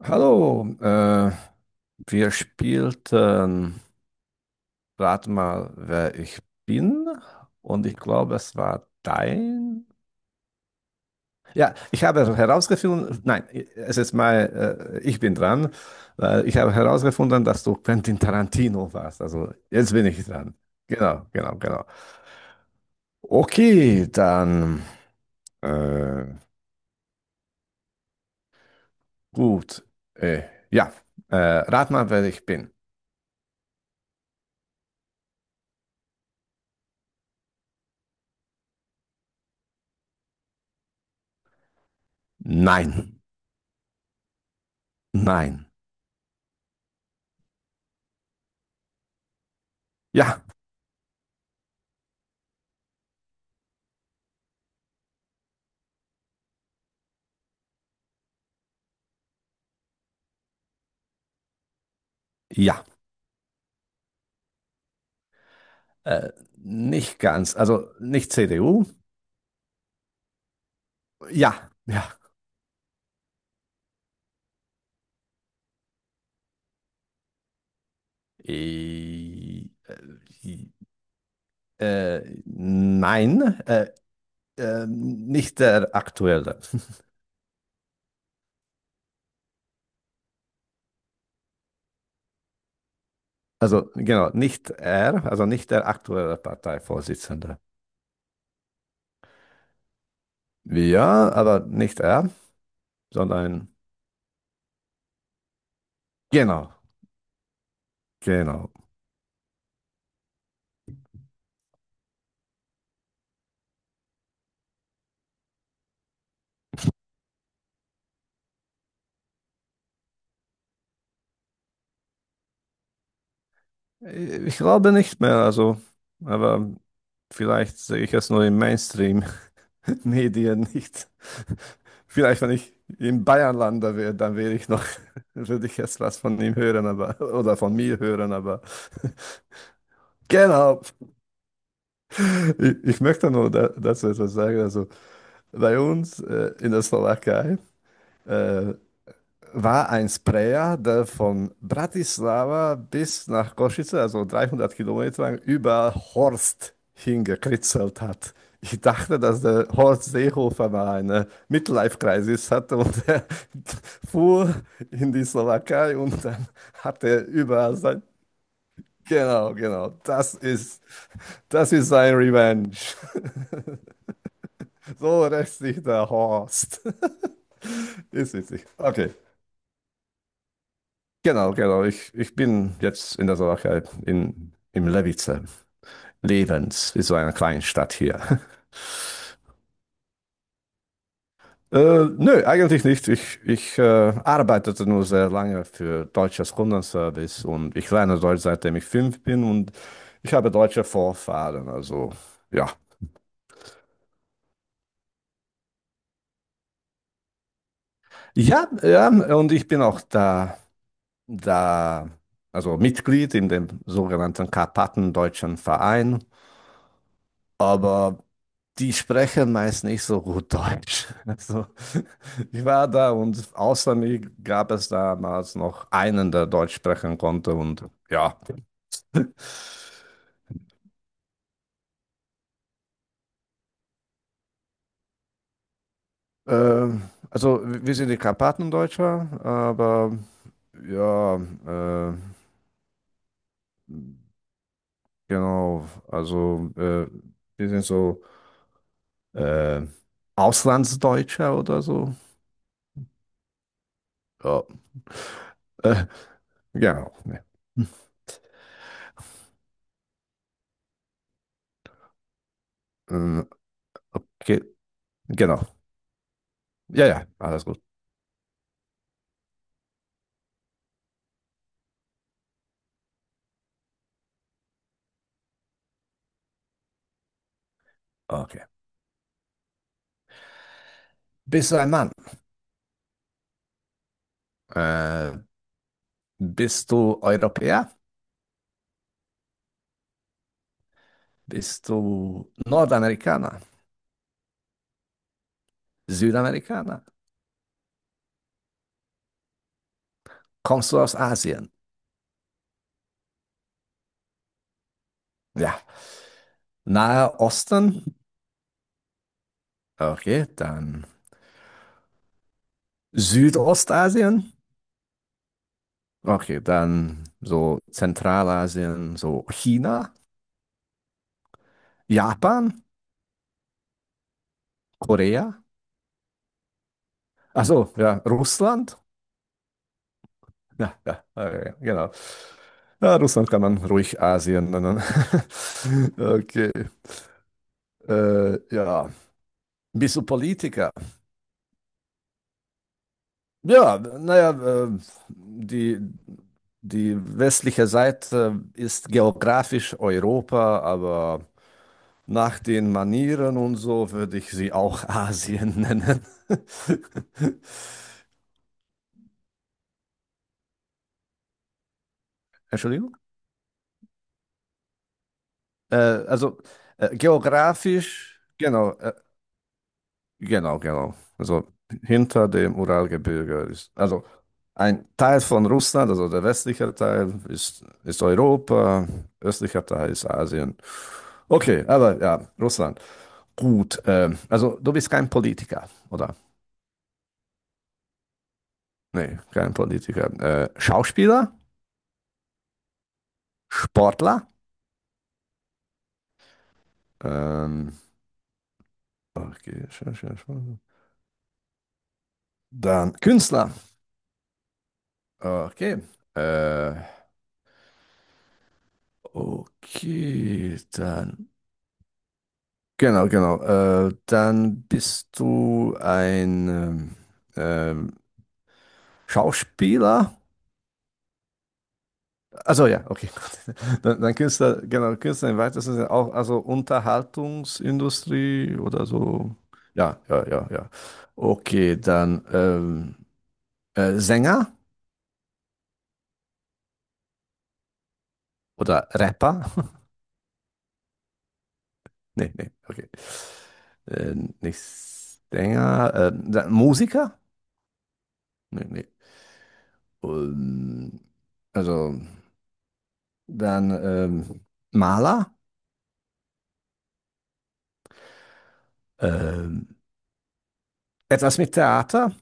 Hallo, wir spielten, rat mal, wer ich bin. Und ich glaube, es war dein. Ja, ich habe herausgefunden, nein, es ist mal, ich bin dran, weil ich habe herausgefunden, dass du Quentin Tarantino warst. Also jetzt bin ich dran. Genau, genau, genau. Okay, dann, äh, gut. Äh, ja, rat mal, wer ich bin. Nein, nein, ja, ja. Äh, Nicht ganz. Also nicht CDU. Ja, ja. Äh, äh, nein, nicht der aktuelle. Also genau, nicht er, also nicht der aktuelle Parteivorsitzende. Ja, aber nicht er, sondern genau, genau. Ich glaube nicht mehr, also, aber vielleicht sehe ich es nur im Mainstream. Nee, dir nicht. Vielleicht, wenn ich im Bayern lande wäre, dann wäre ich noch, würde ich jetzt was von ihm hören, aber, oder von mir hören, aber genau. Ich möchte nur dazu etwas sagen. Also bei uns in der Slowakei, äh, war ein Sprayer, der von Bratislava bis nach Košice, also 300 Kilometer lang, über Horst hingekritzelt hat. Ich dachte, dass der Horst Seehofer mal eine Midlife-Crisis hatte und er fuhr in die Slowakei und dann hat er überall sein. Genau, genau, das ist sein Revenge. So rächt sich der Horst. Ist witzig. Okay. Genau, genau. Ich bin jetzt in der Slowakei, im Levice. Levens, ist so eine kleine Stadt hier. Nö, eigentlich nicht. Ich arbeitete nur sehr lange für deutsches Kundenservice und ich lerne Deutsch, seitdem ich 5 bin und ich habe deutsche Vorfahren. Also ja. Ja, ja, und ich bin auch da, also Mitglied in dem sogenannten Karpatendeutschen Verein. Aber die sprechen meist nicht so gut Deutsch. Also, ich war da und außer mir gab es damals noch einen, der Deutsch sprechen konnte. Und ja, ähm, also wir sind die Karpaten Deutscher, aber ja, genau, also wir sind so äh, Auslandsdeutscher oder so. Ja, äh, genau. Ja. Ähm, okay, genau. Ja, ja, alles gut. Okay. Bist du ein Mann? Äh, Bist du Europäer? Bist du Nordamerikaner? Südamerikaner? Kommst du aus Asien? Ja. Nahe Osten? Okay, dann Südostasien? Okay, dann so Zentralasien, so China, Japan, Korea? Also ja, Russland? Ja, ja, okay, genau. Ja, Russland kann man ruhig Asien nennen. Okay, ja. Bist du Politiker? Ja, naja, die, die westliche Seite ist geografisch Europa, aber nach den Manieren und so würde ich sie auch Asien nennen. Entschuldigung? Also geografisch, genau, genau, genau. Also hinter dem Uralgebirge ist, also ein Teil von Russland, also der westliche Teil ist Europa, östlicher Teil ist Asien. Okay, aber ja, Russland. Gut. Also du bist kein Politiker, oder? Nee, kein Politiker. Schauspieler, Sportler, ähm, okay, dann Künstler. Okay. Äh, okay, dann. Genau, genau. Dann bist du ein ähm, Schauspieler. Also ja, okay. Gut. Dann Künstler, genau, Künstler im weitesten Sinne auch, also Unterhaltungsindustrie oder so. Ja, ja, ja, ja. Okay, dann Sänger oder Rapper? Nee, nee, okay. Äh, Nicht Sänger, dann Musiker? Nee, nee. Ähm, also dann Maler? Ähm, Etwas mit Theater?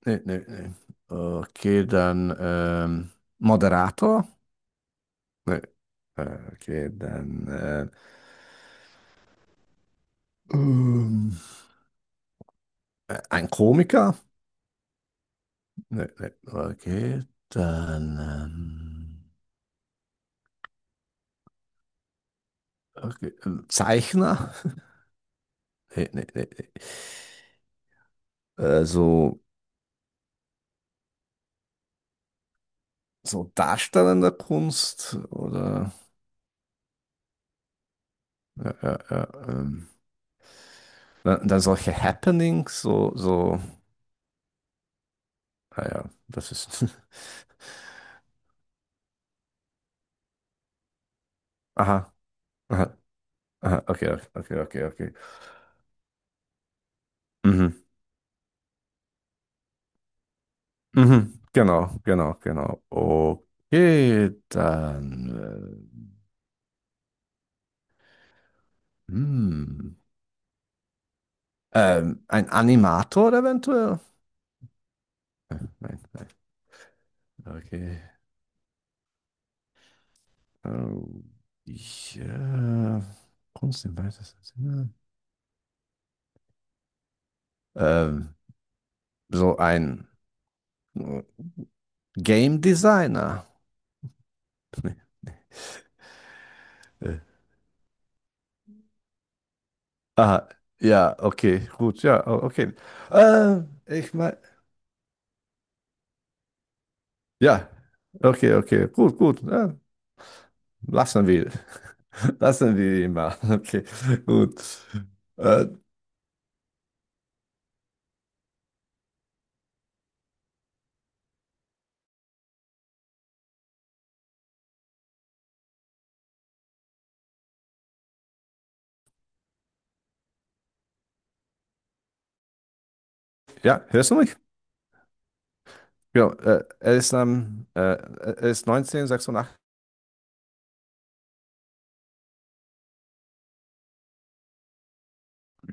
Nee, nee, nee. Okay, dann Moderator? Nee. Okay, dann ähm, ein Komiker? Nee, nee. Okay, dann okay, Zeichner? Nee, nee, nee, nee. So, so darstellende Kunst oder ja, ja, ja, dann solche Happenings, naja, das ist. Aha, aha, aha, okay, okay, okay, okay. Okay. Mhm. Mhm. Genau, genau, genau. Okay, dann. Hm. Ein Animator eventuell? Nein, nein. Okay. Ähm, ich, äh, Kunst im weitesten Sinne. Ähm, so ein äh, Game Designer. Äh. Ah, ja, okay, gut, ja, okay. Ich meine, ja, okay, okay, gut, gut. Lassen wir. Lassen wir ihn mal. Okay, gut. Äh, ja, hörst du mich? Ja, er ist 1986.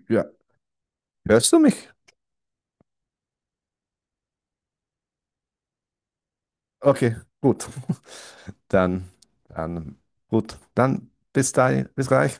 Ja, hörst du mich? Okay, gut. Dann, dann, gut. Dann bis dahin, bis gleich.